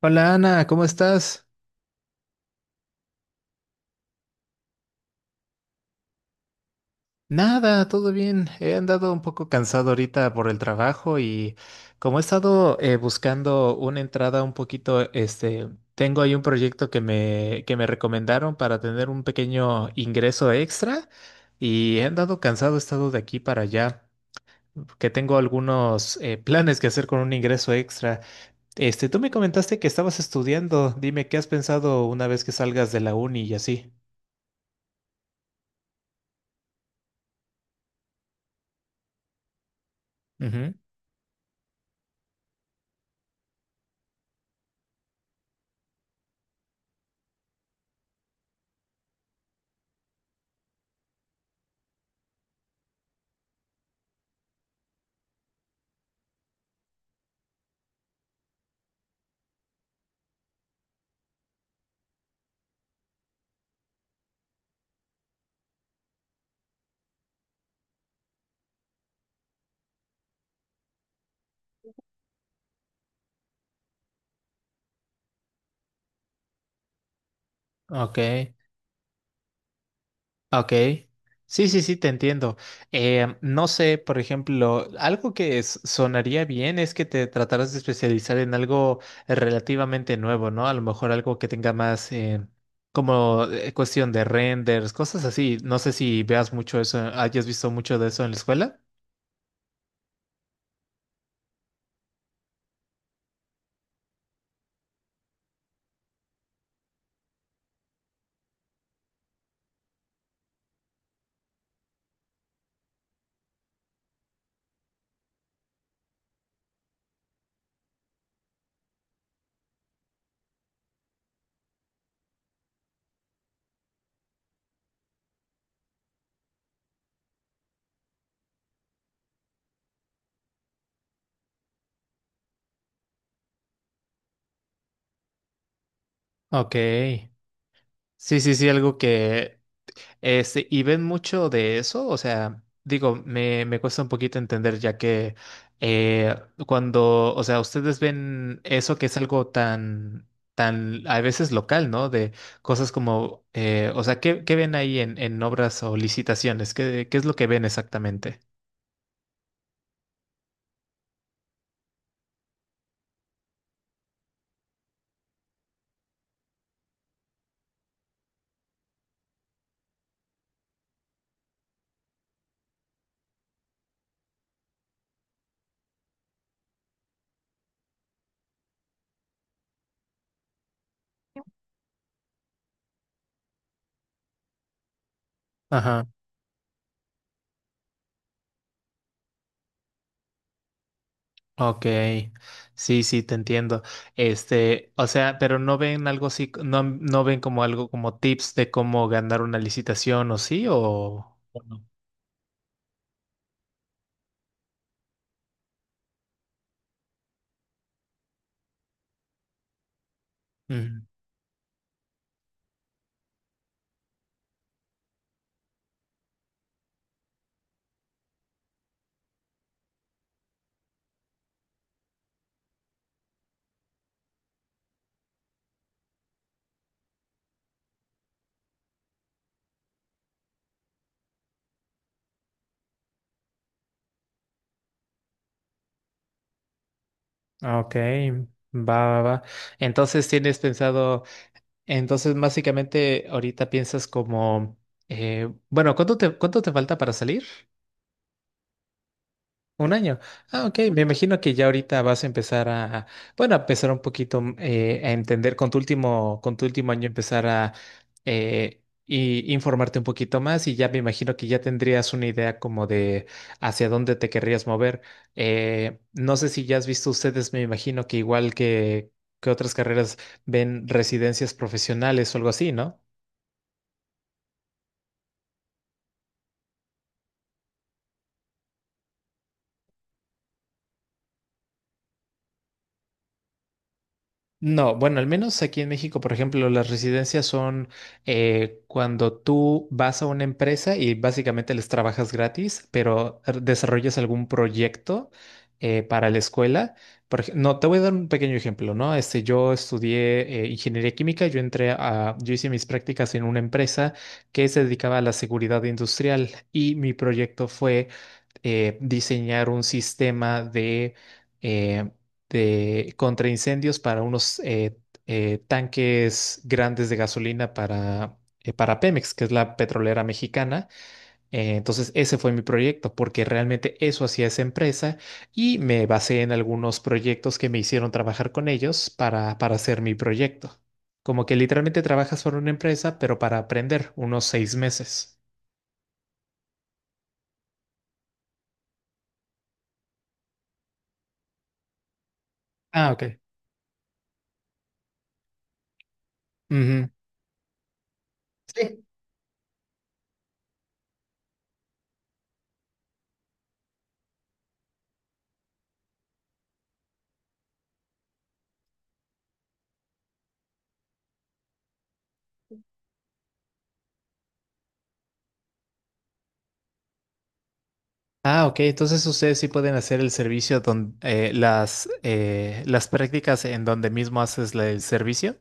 Hola Ana, ¿cómo estás? Nada, todo bien. He andado un poco cansado ahorita por el trabajo y como he estado buscando una entrada un poquito, este, tengo ahí un proyecto que que me recomendaron para tener un pequeño ingreso extra y he andado cansado, he estado de aquí para allá, que tengo algunos planes que hacer con un ingreso extra. Este, tú me comentaste que estabas estudiando. Dime, ¿qué has pensado una vez que salgas de la uni y así? Ujú. Ok. Ok. Sí, sí, sí, te entiendo. No sé, por ejemplo, algo que sonaría bien es que te trataras de especializar en algo relativamente nuevo, ¿no? A lo mejor algo que tenga más como cuestión de renders, cosas así. No sé si veas mucho eso, hayas visto mucho de eso en la escuela. Ok. Sí, sí, sí, algo que. Este, y ven mucho de eso, o sea, digo, me cuesta un poquito entender, ya que eh, cuando, o sea, ustedes ven eso que es algo tan, tan, a veces local, ¿no? De cosas como, o sea, ¿qué, qué ven ahí en obras o licitaciones? ¿Qué, qué es lo que ven exactamente? Ajá, ok. Sí, sí, te entiendo. Este, o sea, pero no ven algo así, no, no ven como algo como tips de cómo ganar una licitación, ¿o sí? O no? Ujú. Ah, ok, va, va, va. Entonces tienes pensado, entonces básicamente ahorita piensas como, bueno, cuánto te falta para salir? Un año. Ah, ok. Me imagino que ya ahorita vas a empezar a, bueno, a empezar un poquito a entender con tu último año empezar a y informarte un poquito más y ya me imagino que ya tendrías una idea como de hacia dónde te querrías mover. No sé si ya has visto ustedes, me imagino que igual que otras carreras ven residencias profesionales o algo así, ¿no? No, bueno, al menos aquí en México, por ejemplo, las residencias son cuando tú vas a una empresa y básicamente les trabajas gratis, pero desarrollas algún proyecto para la escuela. No, te voy a dar un pequeño ejemplo, ¿no? Este, yo estudié ingeniería química, yo entré a, yo hice mis prácticas en una empresa que se dedicaba a la seguridad industrial y mi proyecto fue diseñar un sistema eh, de contraincendios para unos tanques grandes de gasolina para Pemex, que es la petrolera mexicana. Entonces, ese fue mi proyecto, porque realmente eso hacía esa empresa y me basé en algunos proyectos que me hicieron trabajar con ellos para hacer mi proyecto. Como que literalmente trabajas para una empresa, pero para aprender unos 6 meses. Ah, ok. Ujú. Sí. Ah, ok. Entonces ustedes sí pueden hacer el servicio donde las prácticas en donde mismo haces el servicio.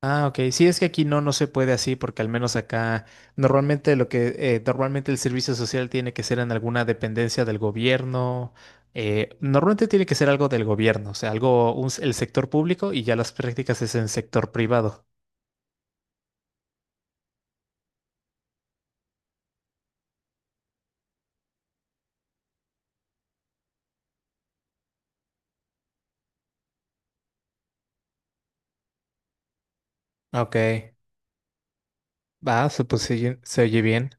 Ah, ok. Sí, es que aquí no, no se puede así, porque al menos acá normalmente lo que normalmente el servicio social tiene que ser en alguna dependencia del gobierno. Normalmente tiene que ser algo del gobierno, o sea, algo un el sector público y ya las prácticas es en sector privado. Ok. Va, pues se oye bien.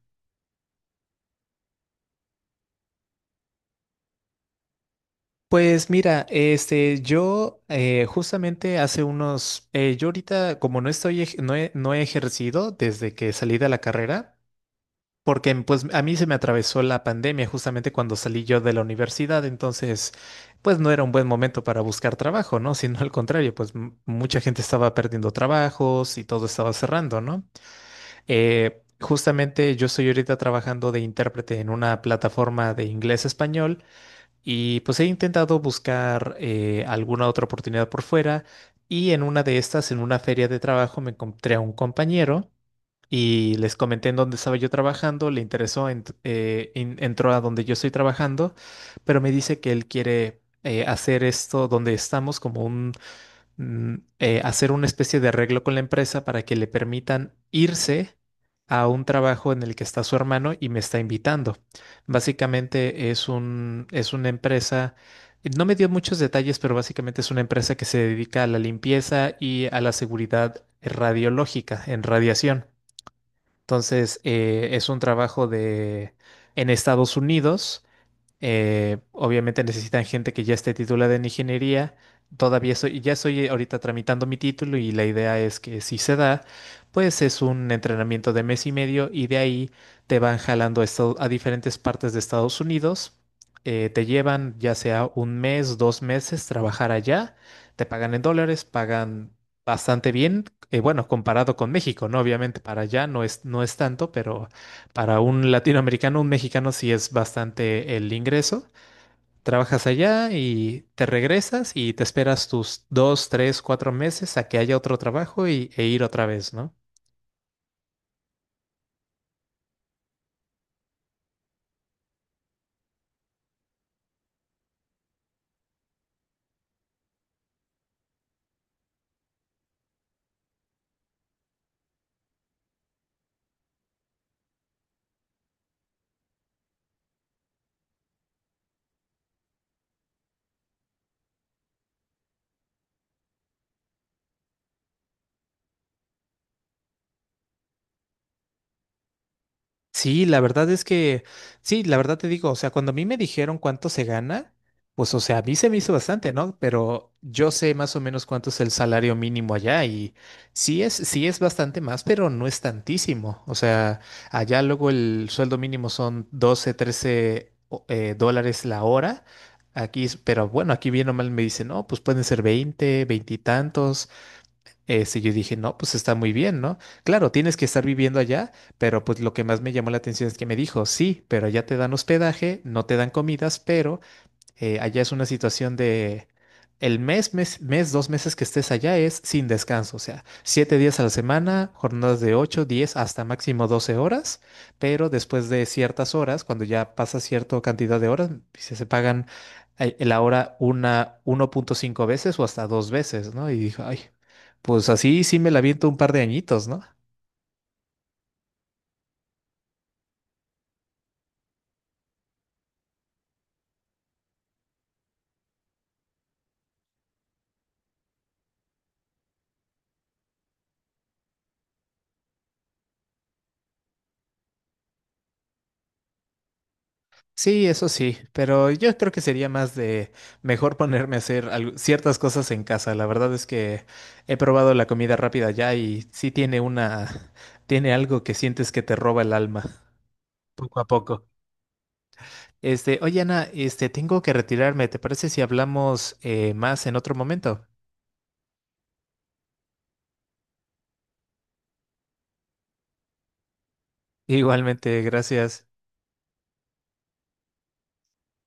Pues mira, este, yo justamente hace unos, yo ahorita como no estoy, no he, no he ejercido desde que salí de la carrera, porque pues a mí se me atravesó la pandemia justamente cuando salí yo de la universidad, entonces pues no era un buen momento para buscar trabajo, ¿no? Sino al contrario, pues mucha gente estaba perdiendo trabajos y todo estaba cerrando, ¿no? Justamente yo estoy ahorita trabajando de intérprete en una plataforma de inglés-español y pues he intentado buscar alguna otra oportunidad por fuera y en una de estas, en una feria de trabajo, me encontré a un compañero y les comenté en dónde estaba yo trabajando, le interesó, entró a donde yo estoy trabajando, pero me dice que él quiere hacer esto donde estamos como un hacer una especie de arreglo con la empresa para que le permitan irse a un trabajo en el que está su hermano y me está invitando. Básicamente es es una empresa, no me dio muchos detalles, pero básicamente es una empresa que se dedica a la limpieza y a la seguridad radiológica en radiación. Entonces, es un trabajo de en Estados Unidos obviamente necesitan gente que ya esté titulada en ingeniería. Todavía soy, ya estoy ahorita tramitando mi título y la idea es que si se da, pues es un entrenamiento de 1 mes y medio y de ahí te van jalando a, a diferentes partes de Estados Unidos. Te llevan ya sea 1 mes, 2 meses trabajar allá, te pagan en dólares, pagan bastante bien. Bueno, comparado con México, ¿no? Obviamente para allá no no es tanto, pero para un latinoamericano, un mexicano, sí es bastante el ingreso. Trabajas allá y te regresas y te esperas tus 2, 3, 4 meses a que haya otro trabajo y, e ir otra vez, ¿no? Sí, la verdad es que, sí, la verdad te digo, o sea, cuando a mí me dijeron cuánto se gana, pues, o sea, a mí se me hizo bastante, ¿no? Pero yo sé más o menos cuánto es el salario mínimo allá y sí sí es bastante más, pero no es tantísimo. O sea, allá luego el sueldo mínimo son 12, 13 dólares la hora. Aquí, pero bueno, aquí bien o mal me dicen, no, pues pueden ser 20, 20 y tantos. Este, yo dije, no, pues está muy bien, ¿no? Claro, tienes que estar viviendo allá, pero pues lo que más me llamó la atención es que me dijo, sí, pero allá te dan hospedaje, no te dan comidas, pero allá es una situación de el mes, 2 meses que estés allá es sin descanso, o sea, 7 días a la semana, jornadas de 8 a 10 hasta máximo 12 horas, pero después de ciertas horas, cuando ya pasa cierta cantidad de horas, se pagan la hora una 1.5 veces o hasta 2 veces, ¿no? Y dijo, ay, pues así sí me la aviento un par de añitos, ¿no? Sí, eso sí, pero yo creo que sería más de mejor ponerme a hacer ciertas cosas en casa. La verdad es que he probado la comida rápida ya y sí tiene una, tiene algo que sientes que te roba el alma poco a poco. Este, oye Ana, este, tengo que retirarme. ¿Te parece si hablamos más en otro momento? Igualmente, gracias.